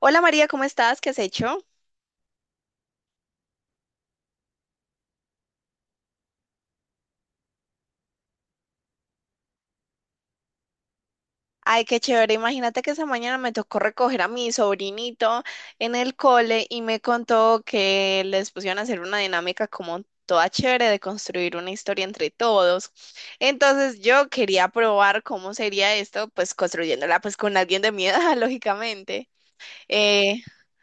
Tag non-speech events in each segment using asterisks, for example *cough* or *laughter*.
Hola María, ¿cómo estás? ¿Qué has hecho? Ay, qué chévere. Imagínate que esa mañana me tocó recoger a mi sobrinito en el cole y me contó que les pusieron a hacer una dinámica como toda chévere de construir una historia entre todos. Entonces yo quería probar cómo sería esto, pues construyéndola pues con alguien de mi edad, *laughs* lógicamente. Eh,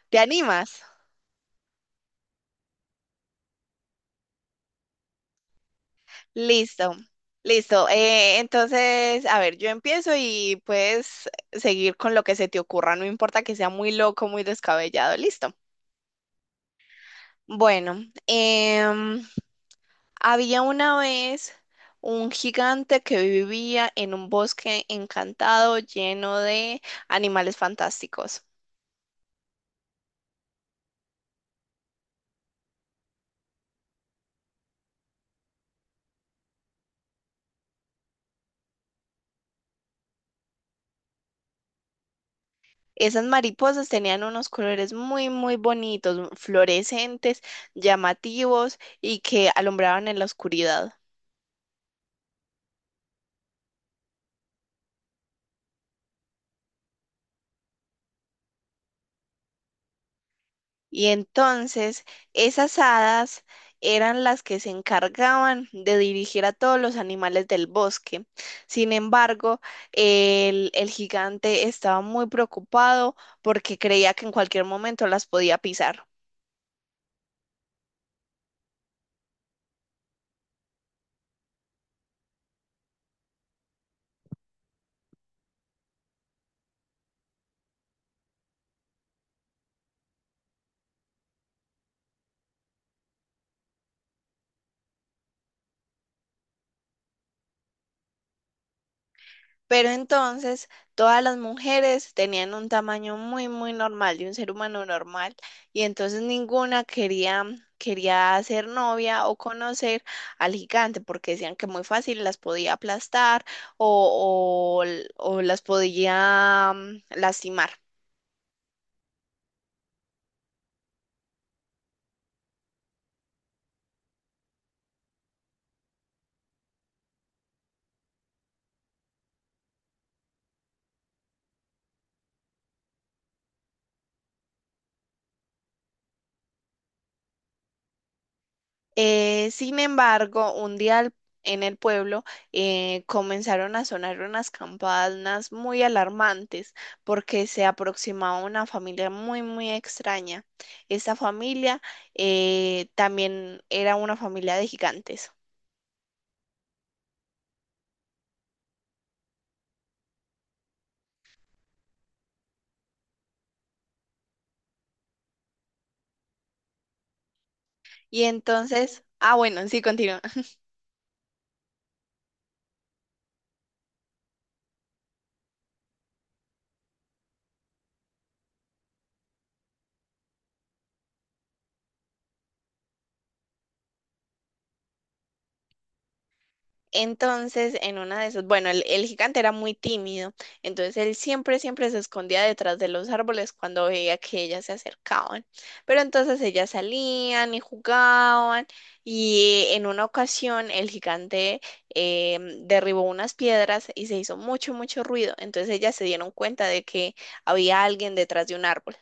¿Te animas? Listo, listo. Entonces, a ver, yo empiezo y puedes seguir con lo que se te ocurra, no importa que sea muy loco, muy descabellado, listo. Bueno, había una vez un gigante que vivía en un bosque encantado lleno de animales fantásticos. Esas mariposas tenían unos colores muy, muy bonitos, fluorescentes, llamativos y que alumbraban en la oscuridad. Y entonces esas hadas eran las que se encargaban de dirigir a todos los animales del bosque. Sin embargo, el gigante estaba muy preocupado porque creía que en cualquier momento las podía pisar. Pero entonces todas las mujeres tenían un tamaño muy, muy normal de un ser humano normal y entonces ninguna quería ser novia o conocer al gigante porque decían que muy fácil las podía aplastar o, o, o las podía lastimar. Sin embargo, en el pueblo comenzaron a sonar unas campanas muy alarmantes porque se aproximaba una familia muy, muy extraña. Esta familia también era una familia de gigantes. Y entonces, ah, bueno, sí, continúa. Entonces, en una de esas, bueno, el gigante era muy tímido, entonces él siempre se escondía detrás de los árboles cuando veía que ellas se acercaban. Pero entonces ellas salían y jugaban y en una ocasión el gigante derribó unas piedras y se hizo mucho, mucho ruido. Entonces ellas se dieron cuenta de que había alguien detrás de un árbol.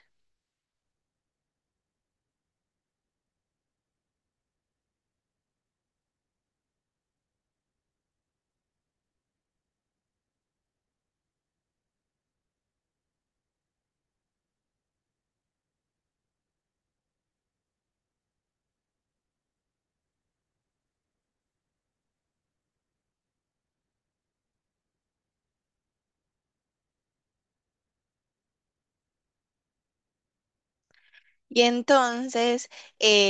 Y entonces,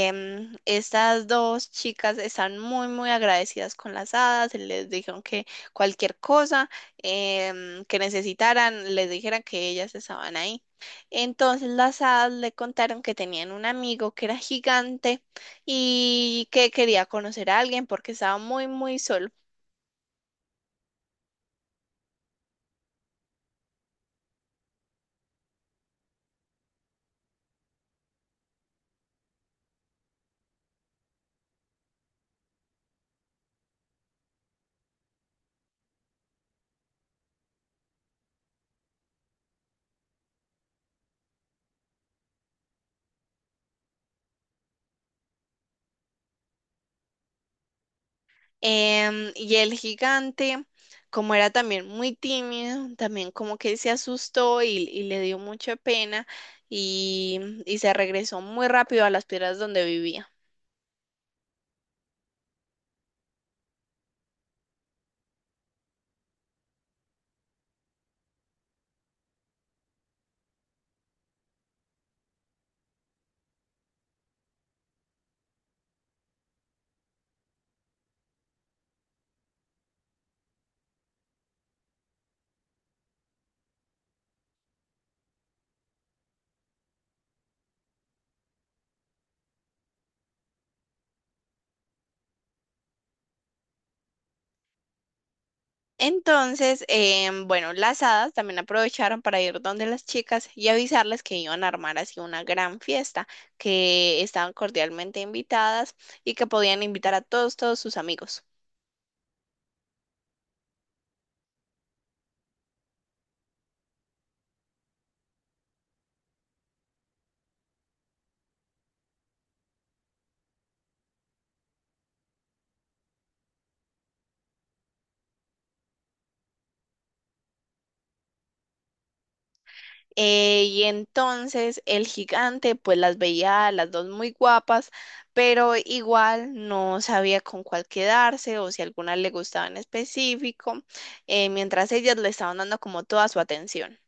estas dos chicas están muy, muy agradecidas con las hadas. Les dijeron que cualquier cosa que necesitaran, les dijeran que ellas estaban ahí. Entonces, las hadas le contaron que tenían un amigo que era gigante y que quería conocer a alguien porque estaba muy, muy solo. Y el gigante, como era también muy tímido, también como que se asustó y le dio mucha pena y, y se regresó muy rápido a las piedras donde vivía. Entonces, bueno, las hadas también aprovecharon para ir donde las chicas y avisarles que iban a armar así una gran fiesta, que estaban cordialmente invitadas y que podían invitar a todos sus amigos. Y entonces el gigante pues las veía a las dos muy guapas, pero igual no sabía con cuál quedarse o si alguna le gustaba en específico, mientras ellas le estaban dando como toda su atención.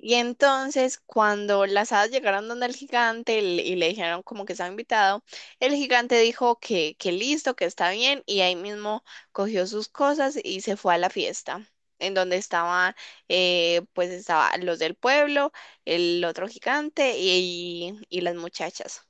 Y entonces, cuando las hadas llegaron donde el gigante y le dijeron como que estaba invitado, el gigante dijo que listo, que está bien, y ahí mismo cogió sus cosas y se fue a la fiesta, en donde estaban, pues estaban los del pueblo, el otro gigante y las muchachas.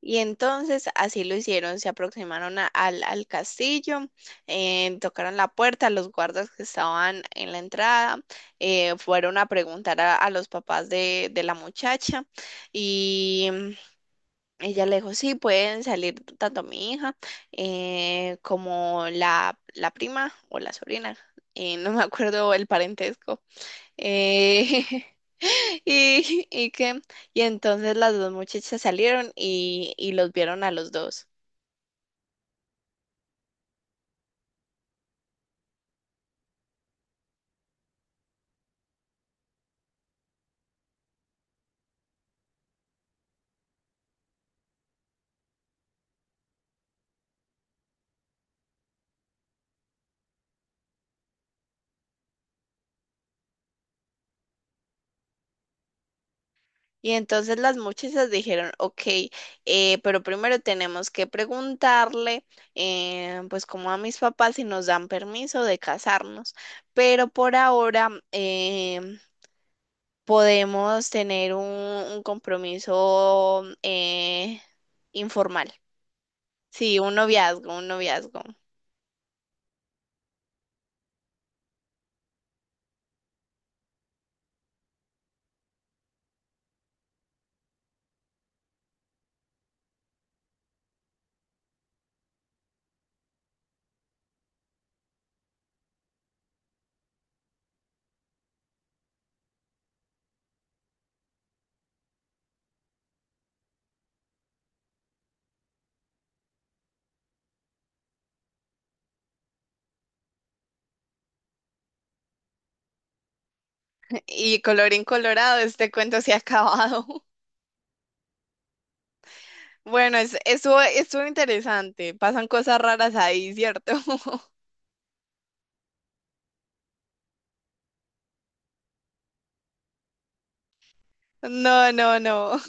Y entonces así lo hicieron, se aproximaron al castillo, tocaron la puerta, los guardas que estaban en la entrada, fueron a preguntar a los papás de la muchacha y ella le dijo, sí, pueden salir tanto mi hija como la prima o la sobrina, no me acuerdo el parentesco. Eh, *laughs* y, y que, y entonces las dos muchachas salieron y los vieron a los dos. Y entonces las muchachas dijeron, ok, pero primero tenemos que preguntarle, pues como a mis papás si nos dan permiso de casarnos, pero por ahora podemos tener un compromiso informal, sí, un noviazgo, un noviazgo. Y colorín colorado, este cuento se ha acabado. *laughs* Bueno, estuvo interesante. Pasan cosas raras ahí, ¿cierto? *laughs* No, no, no.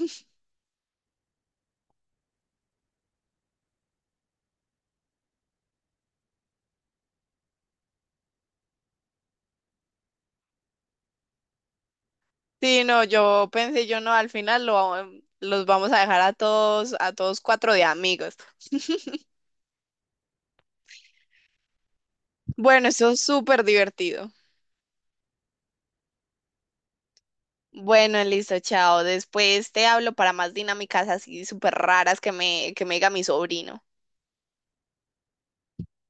Sí, no, yo pensé, yo no, al final los vamos a dejar a todos cuatro de amigos. Bueno, eso es súper divertido. Bueno, listo, chao. Después te hablo para más dinámicas así súper raras que me diga mi sobrino.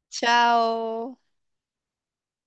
Chao.